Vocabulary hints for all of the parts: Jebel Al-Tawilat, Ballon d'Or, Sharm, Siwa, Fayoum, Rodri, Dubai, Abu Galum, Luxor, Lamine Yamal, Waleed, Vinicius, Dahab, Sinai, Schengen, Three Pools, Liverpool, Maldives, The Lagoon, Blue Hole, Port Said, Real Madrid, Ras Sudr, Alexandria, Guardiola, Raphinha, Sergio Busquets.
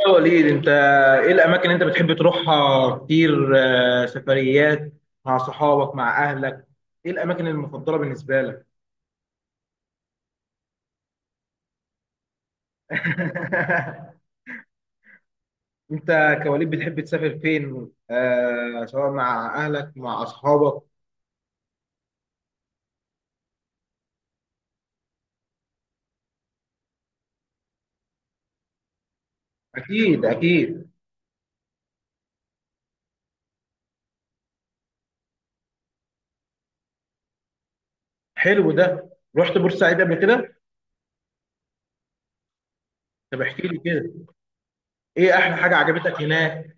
يا وليد انت ايه الاماكن اللي انت بتحب تروحها كتير سفريات مع صحابك مع اهلك؟ ايه الاماكن المفضله بالنسبه لك؟ انت كوليد بتحب تسافر فين آه؟ سواء مع اهلك مع اصحابك. اكيد، اكيد. حلو ده. رحت بورسعيد قبل كده؟ طب احكي لي كده. ايه احلى حاجه عجبتك هناك؟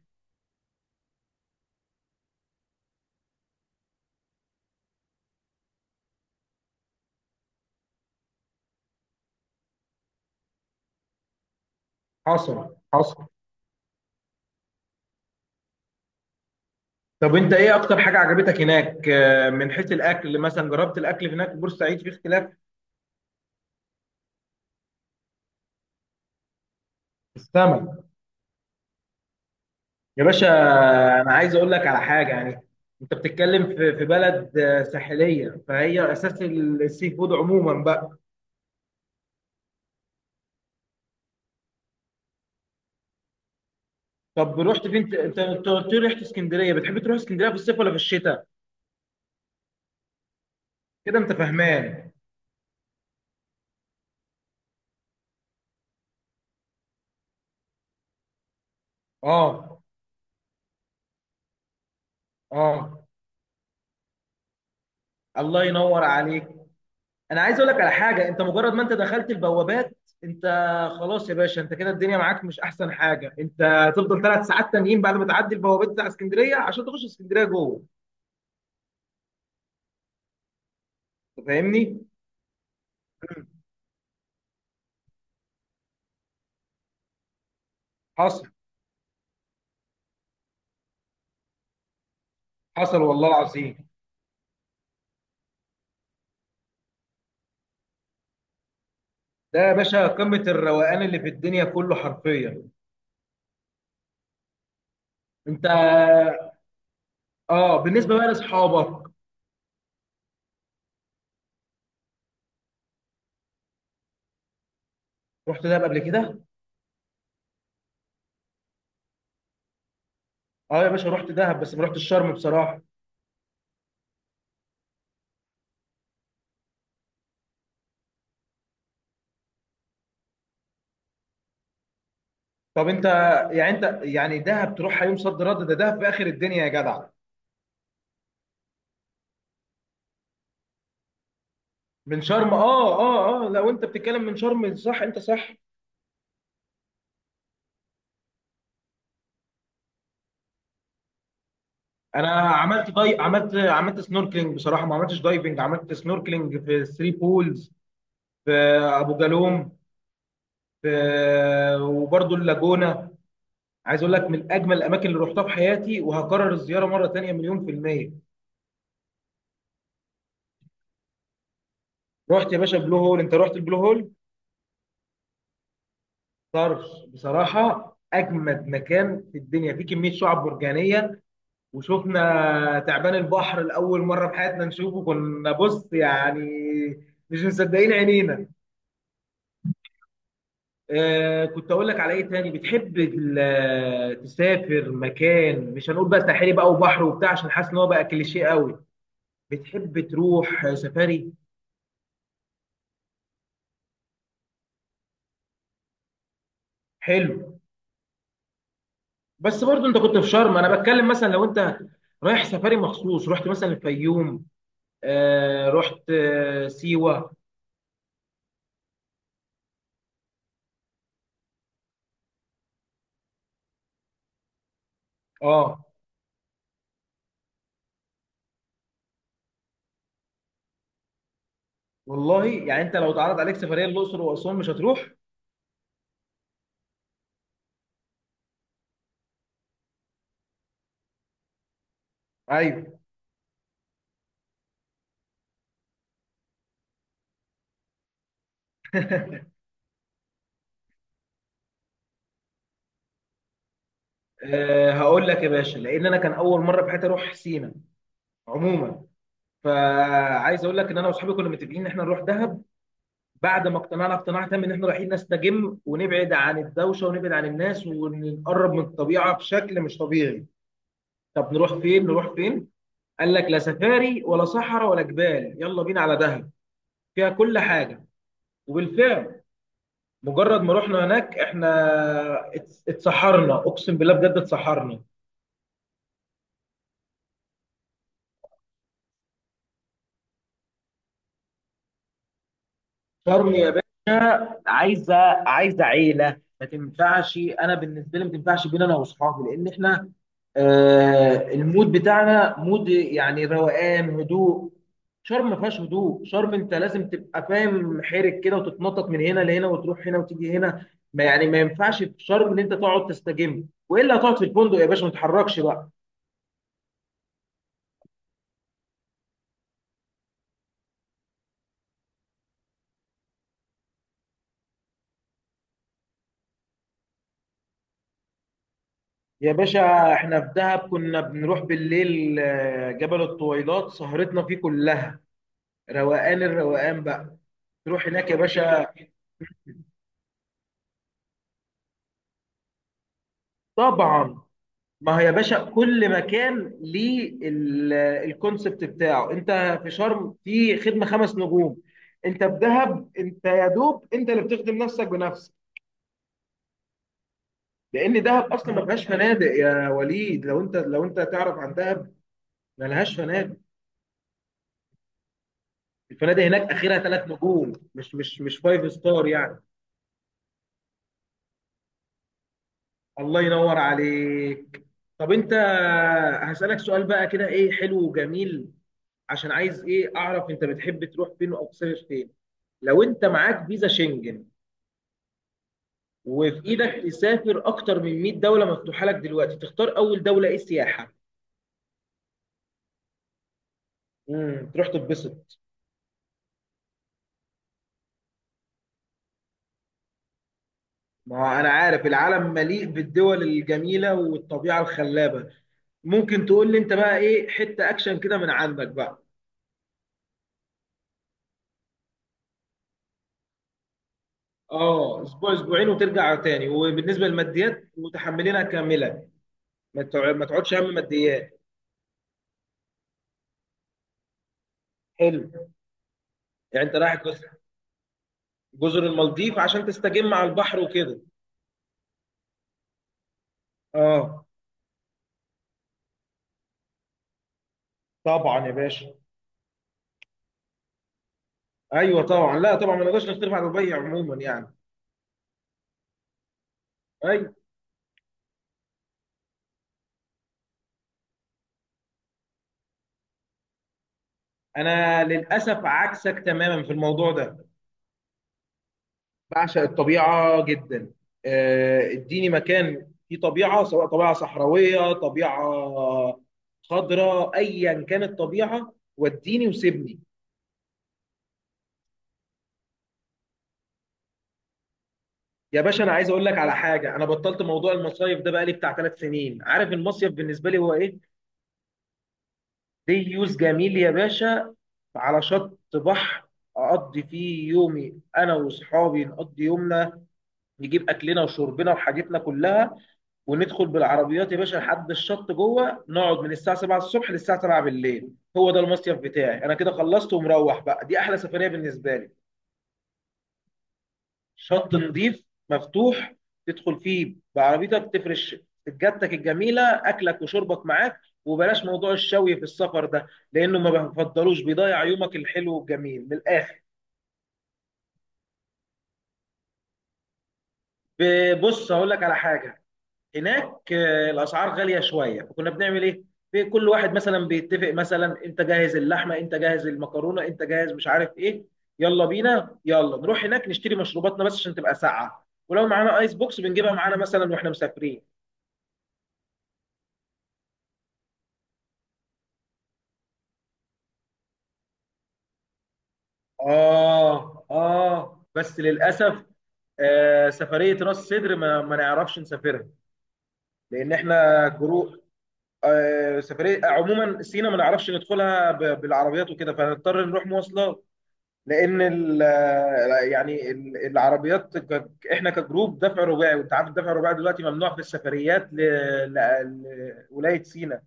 حصل، حصل. طب انت ايه اكتر حاجه عجبتك هناك من حيث الاكل مثلا؟ جربت الاكل هناك في بورسعيد، في اختلاف؟ السمك يا باشا. انا عايز اقول لك على حاجه يعني، انت بتتكلم في بلد ساحليه، فهي اساس السي فود عموما بقى. طب رحت فين انت قلت لي رحت اسكندريه؟ بتحب تروح اسكندريه في الصيف ولا في الشتاء؟ كده انت فهمان. اه، اه. الله ينور عليك. انا عايز اقول لك على حاجه، انت مجرد ما انت دخلت البوابات، انت خلاص يا باشا، انت كده الدنيا معاك مش احسن حاجه. انت هتفضل 3 ساعات تانيين بعد ما تعدي البوابات بتاع اسكندريه عشان تخش اسكندريه جوه. انت فاهمني؟ حصل، حصل والله العظيم. ده يا باشا قمة الروقان اللي في الدنيا كله حرفيا. انت اه، بالنسبة بقى لاصحابك. رحت دهب قبل كده؟ اه يا باشا، رحت دهب بس ما رحتش شرم بصراحة. طب انت يعني، انت يعني دهب تروحها يوم صد رد؟ ده دهب في اخر الدنيا يا جدع. من شرم، اه، اه، اه، لو انت بتتكلم من شرم صح، انت صح. انا عملت سنوركلينج بصراحة، ما عملتش دايفنج، عملت سنوركلينج في ثري بولز، في ابو جالوم، في وبرضه اللاجونة. عايز اقول لك من اجمل الاماكن اللي رحتها في حياتي، وهكرر الزياره مره تانية مليون في الميه. رحت يا باشا بلو هول؟ انت رحت البلو هول؟ طرش بصراحه، اجمد مكان في الدنيا، في كميه شعاب مرجانيه. وشفنا تعبان البحر لاول مره في حياتنا نشوفه، كنا بص يعني مش مصدقين عينينا. آه، كنت اقول لك على ايه تاني بتحب تسافر مكان، مش هنقول بقى ساحلي بقى وبحر وبتاع، عشان حاسس ان هو بقى كليشيه قوي. بتحب تروح سفاري؟ حلو. بس برضو انت كنت في شرم، انا بتكلم مثلا لو انت رايح سفاري مخصوص، رحت مثلا الفيوم، آه رحت آه سيوه. اه. والله يعني انت لو اتعرض عليك سفريه الاقصر واسوان مش هتروح؟ ايوه. آه، هقول لك يا باشا، لان انا كان اول مره في حياتي اروح سينا عموما. فعايز اقول لك ان انا واصحابي كنا متفقين ان احنا نروح دهب، بعد ما اقتنعنا اقتناع تام ان احنا رايحين نستجم ونبعد عن الدوشه ونبعد عن الناس ونقرب من الطبيعه بشكل مش طبيعي. طب نروح فين؟ نروح فين؟ قال لك لا سفاري ولا صحراء ولا جبال. يلا بينا على دهب، فيها كل حاجه. وبالفعل مجرد ما رحنا هناك احنا اتسحرنا، اقسم بالله بجد اتسحرنا. شرم يا باشا عايزه عيله ما تنفعش. انا بالنسبه لي ما تنفعش، بين انا واصحابي، لان احنا آه المود بتاعنا مود يعني روقان هدوء. شرم ما فيهاش هدوء. شرم انت لازم تبقى فاهم حيرك كده، وتتنطط من هنا لهنا وتروح هنا وتيجي هنا. ما ينفعش في شرم ان انت تقعد تستجم، والا هتقعد في الفندق يا باشا ما تتحركش بقى. يا باشا احنا في دهب كنا بنروح بالليل جبل الطويلات سهرتنا فيه كلها. روقان، الروقان بقى. تروح هناك يا باشا. طبعا. ما هي يا باشا كل مكان ليه الكونسبت بتاعه. انت في شرم في خدمه 5 نجوم، انت في دهب انت يا دوب انت اللي بتخدم نفسك بنفسك، لان دهب اصلا ما فيهاش فنادق يا وليد، لو انت لو انت تعرف عن دهب ما لهاش فنادق. الفنادق هناك اخرها 3 نجوم، مش فايف ستار يعني. الله ينور عليك. طب انت هسألك سؤال بقى كده، ايه حلو وجميل، عشان عايز ايه اعرف انت بتحب تروح فين او تسافر فين. لو انت معاك فيزا شنجن وفي ايدك تسافر اكتر من 100 دوله مفتوحه لك دلوقتي، تختار اول دوله ايه سياحه؟ تروح تتبسط. ما هو انا عارف العالم مليء بالدول الجميله والطبيعه الخلابه، ممكن تقول لي انت بقى ايه حته اكشن كده من عندك بقى. اه، اسبوع اسبوعين وترجع تاني، وبالنسبه للماديات متحملينها كامله، ما تقعدش هم ماديات. حلو. يعني انت رايح جزر المالديف عشان تستجم على البحر وكده. اه طبعا يا باشا. ايوه طبعا، لا طبعا ما نقدرش نختلف على دبي عموما يعني. ايوه. انا للاسف عكسك تماما في الموضوع ده. بعشق الطبيعه جدا. اديني مكان فيه طبيعه، سواء طبيعه صحراويه طبيعه خضراء، ايا كانت الطبيعه وديني وسيبني. يا باشا انا عايز اقول لك على حاجه، انا بطلت موضوع المصايف ده بقالي بتاع 3 سنين. عارف المصيف بالنسبه لي هو ايه؟ ديوز جميل يا باشا، على شط بحر، اقضي فيه يومي، انا واصحابي نقضي يومنا، نجيب اكلنا وشربنا وحاجتنا كلها، وندخل بالعربيات يا باشا لحد الشط جوه، نقعد من الساعه 7 الصبح للساعه 7 بالليل. هو ده المصيف بتاعي، انا كده خلصت ومروح بقى، دي احلى سفريه بالنسبه لي. شط نظيف مفتوح، تدخل فيه بعربيتك، تفرش سجادتك الجميله، اكلك وشربك معاك، وبلاش موضوع الشوي في السفر ده، لانه ما بفضلوش، بيضيع يومك الحلو والجميل من الاخر. بص هقول لك على حاجه، هناك الاسعار غاليه شويه، فكنا بنعمل ايه، في كل واحد مثلا بيتفق، مثلا انت جاهز اللحمه، انت جاهز المكرونه، انت جاهز مش عارف ايه، يلا بينا يلا نروح هناك نشتري مشروباتنا بس عشان تبقى ساقعه، ولو معانا ايس بوكس بنجيبها معانا مثلا واحنا مسافرين. آه، آه، بس للأسف، سفرية راس سدر ما نعرفش نسافرها، لأن إحنا جروب. سفرية عموما سينا ما نعرفش ندخلها بالعربيات وكده، فهنضطر نروح مواصلات. لأن يعني العربيات إحنا كجروب دفع رباعي، وأنت عارف الدفع الرباعي دلوقتي ممنوع في السفريات لولاية سينا،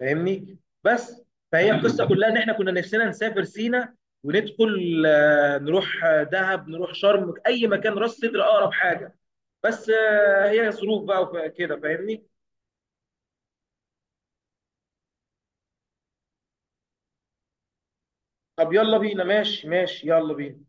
فاهمني؟ بس فهي القصه كلها ان احنا كنا نفسنا نسافر سينا، وندخل نروح دهب، نروح شرم، اي مكان، راس سدر اقرب حاجه، بس هي ظروف بقى وكده فاهمني. طب يلا بينا، ماشي، ماشي، يلا بينا.